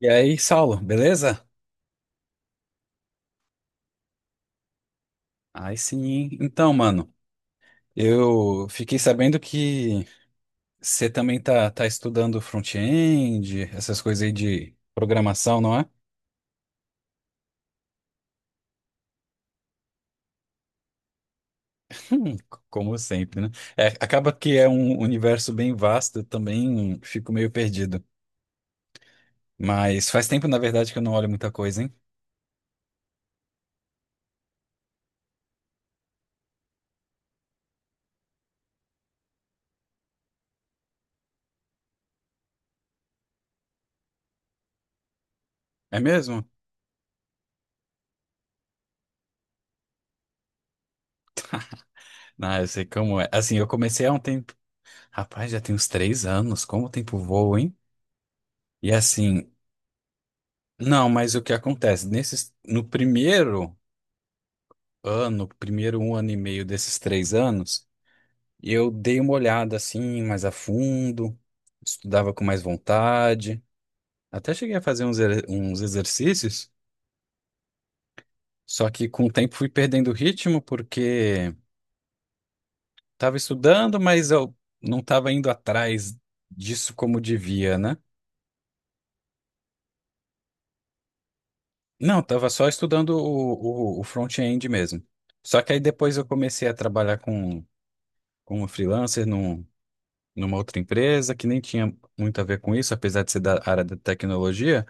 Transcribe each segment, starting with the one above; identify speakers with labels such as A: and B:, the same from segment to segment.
A: E aí, Saulo, beleza? Aí sim, hein? Então, mano, eu fiquei sabendo que você também tá estudando front-end, essas coisas aí de programação, não é? Hum, como sempre, né? É, acaba que é um universo bem vasto, eu também fico meio perdido. Mas faz tempo, na verdade, que eu não olho muita coisa, hein? É mesmo? Ah, eu sei como é. Assim, eu comecei há um tempo. Rapaz, já tem uns 3 anos, como o tempo voa, hein? E assim, não, mas o que acontece? Nesses, no primeiro ano, primeiro um ano e meio desses 3 anos, eu dei uma olhada assim mais a fundo, estudava com mais vontade, até cheguei a fazer uns exercícios, só que com o tempo fui perdendo o ritmo porque estava estudando, mas eu não estava indo atrás disso como devia, né? Não, estava só estudando o front-end mesmo. Só que aí depois eu comecei a trabalhar com, como freelancer numa outra empresa que nem tinha muito a ver com isso, apesar de ser da área da tecnologia,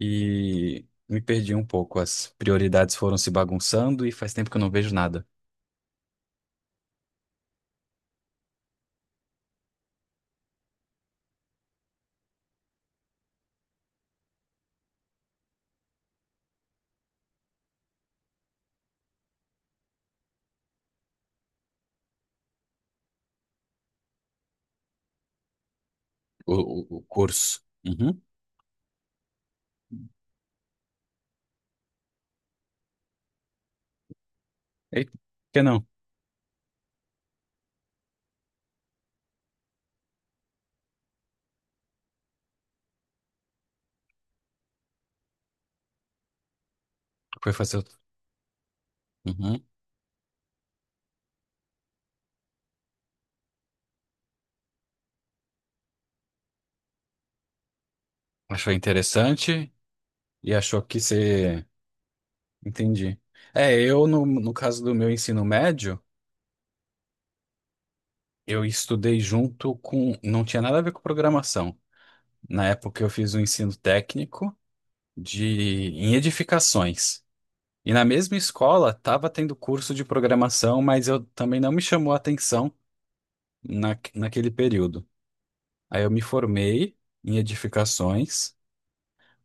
A: e me perdi um pouco. As prioridades foram se bagunçando e faz tempo que eu não vejo nada. O, o curso. Uhum. E por que não? Foi fazer outro. Uhum. Achou interessante e achou que você. Entendi. É, eu, no, no caso do meu ensino médio, eu estudei junto com. Não tinha nada a ver com programação. Na época, eu fiz um ensino técnico de em edificações. E na mesma escola, tava tendo curso de programação, mas eu também não me chamou a atenção na, naquele período. Aí eu me formei em edificações,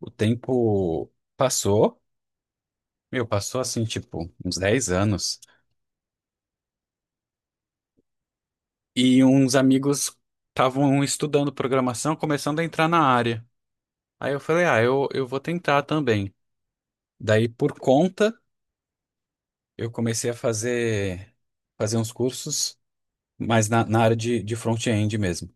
A: o tempo passou, meu, passou assim, tipo, uns 10 anos, e uns amigos estavam estudando programação, começando a entrar na área. Aí eu falei, ah, eu vou tentar também. Daí, por conta, eu comecei a fazer, fazer uns cursos, mas na, na área de front-end mesmo.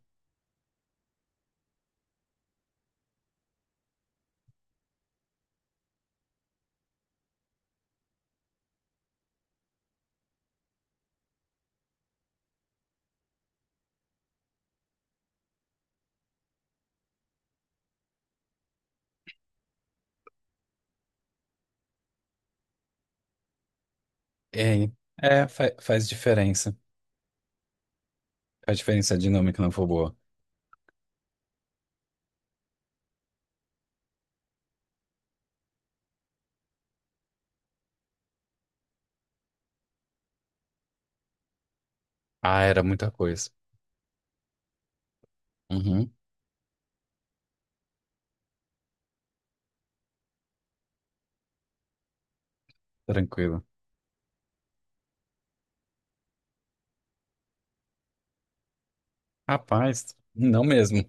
A: É, é, faz diferença. Faz diferença a dinâmica não for boa. Ah, era muita coisa. Uhum, tranquilo. Rapaz, não mesmo.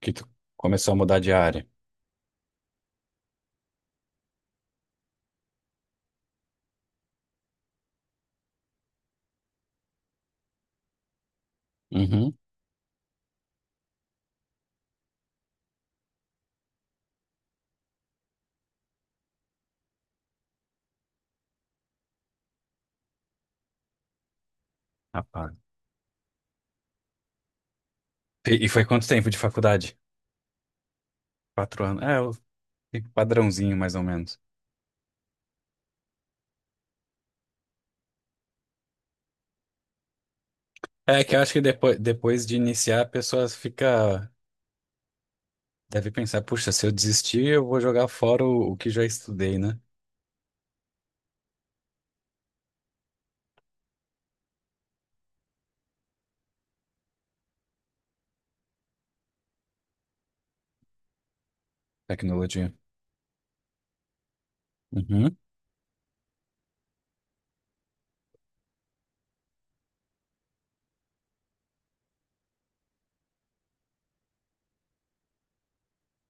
A: Que tu começou a mudar de área. Uhum, rapaz. E foi quanto tempo de faculdade? 4 anos. É, o padrãozinho, mais ou menos. É que eu acho que depois, depois de iniciar, a pessoa fica. Deve pensar, puxa, se eu desistir, eu vou jogar fora o que já estudei, né? Tecnologia. Uhum.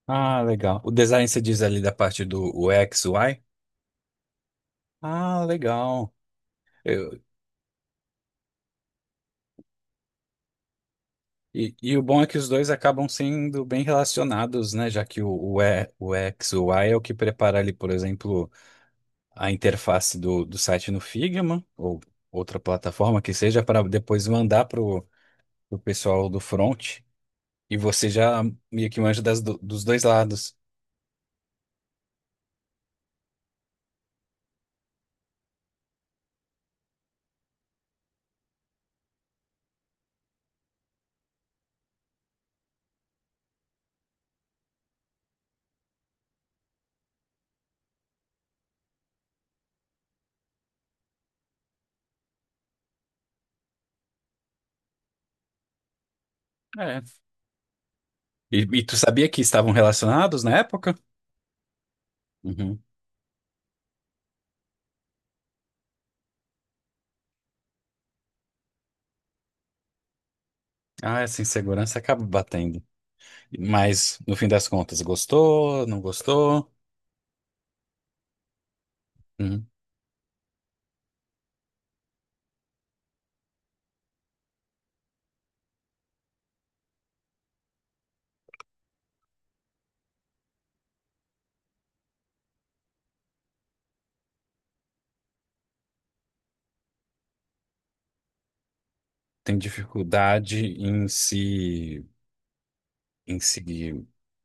A: Ah, legal. O design você diz ali da parte do U X UX, UI? Ah, legal. Eu- e o bom é que os dois acabam sendo bem relacionados, né? Já que o, e, o X, o Y é o que prepara ali, por exemplo, a interface do, do site no Figma ou outra plataforma que seja para depois mandar para o pessoal do front e você já meio que manja das, dos dois lados. É. E, e tu sabia que estavam relacionados na época? Uhum. Ah, essa insegurança acaba batendo. Mas, no fim das contas, gostou? Não gostou? Uhum. Tem dificuldade em se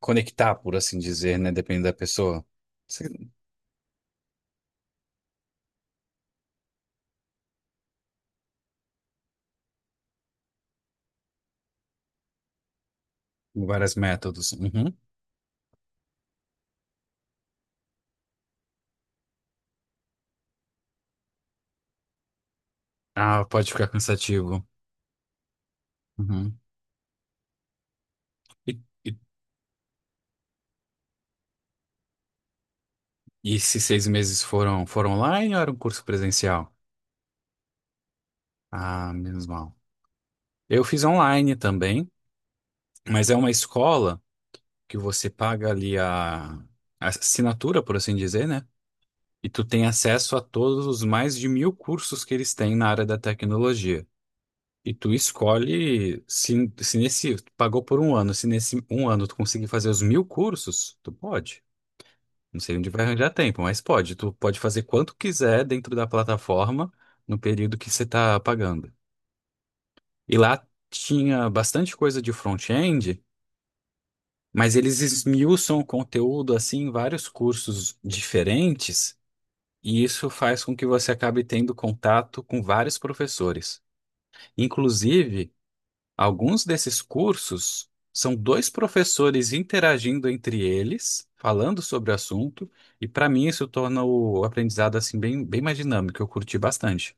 A: conectar, por assim dizer, né? Depende da pessoa. Você- Vários métodos. Uhum. Ah, pode ficar cansativo. Uhum. E, e, e esses 6 meses foram, foram online ou era um curso presencial? Ah, menos mal. Eu fiz online também, mas é uma escola que você paga ali a assinatura, por assim dizer, né? E tu tem acesso a todos os mais de 1.000 cursos que eles têm na área da tecnologia. E tu escolhe se, se nesse, tu pagou por 1 ano, se nesse 1 ano tu conseguir fazer os 1.000 cursos, tu pode. Não sei onde vai arranjar tempo, mas pode. Tu pode fazer quanto quiser dentro da plataforma no período que você está pagando. E lá tinha bastante coisa de front-end, mas eles esmiuçam o conteúdo assim em vários cursos diferentes, e isso faz com que você acabe tendo contato com vários professores. Inclusive, alguns desses cursos são dois professores interagindo entre eles, falando sobre o assunto, e para mim isso torna o aprendizado assim bem, bem mais dinâmico. Eu curti bastante.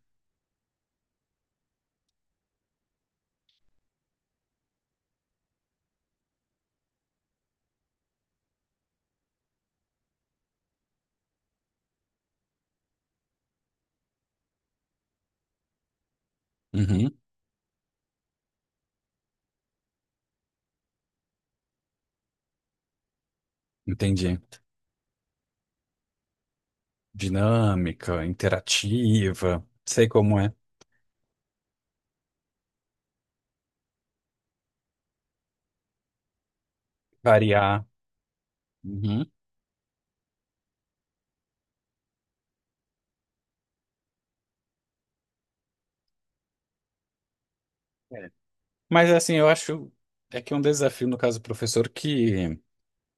A: Uhum, entendi. Dinâmica, interativa, sei como é, variar. Uhum. É. Mas assim, eu acho é que é um desafio no caso do professor que,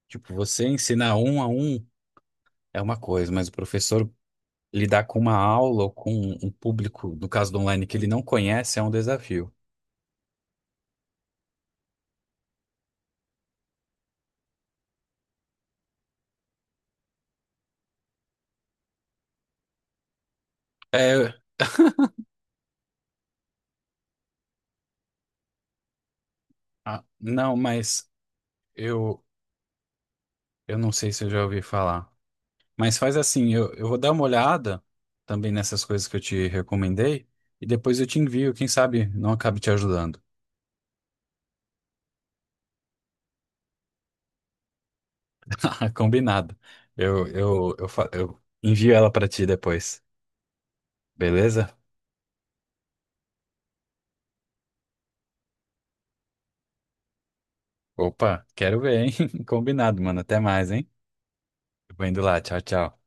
A: tipo, você ensinar um a um é uma coisa, mas o professor lidar com uma aula ou com um público, no caso do online, que ele não conhece, é um desafio. É, ah, não, mas eu, eu não sei se eu já ouvi falar. Mas faz assim, eu vou dar uma olhada também nessas coisas que eu te recomendei e depois eu te envio, quem sabe não acabe te ajudando. Combinado. Eu envio ela para ti depois, beleza? Opa, quero ver, hein? Combinado, mano. Até mais, hein? Eu vou indo lá. Tchau, tchau.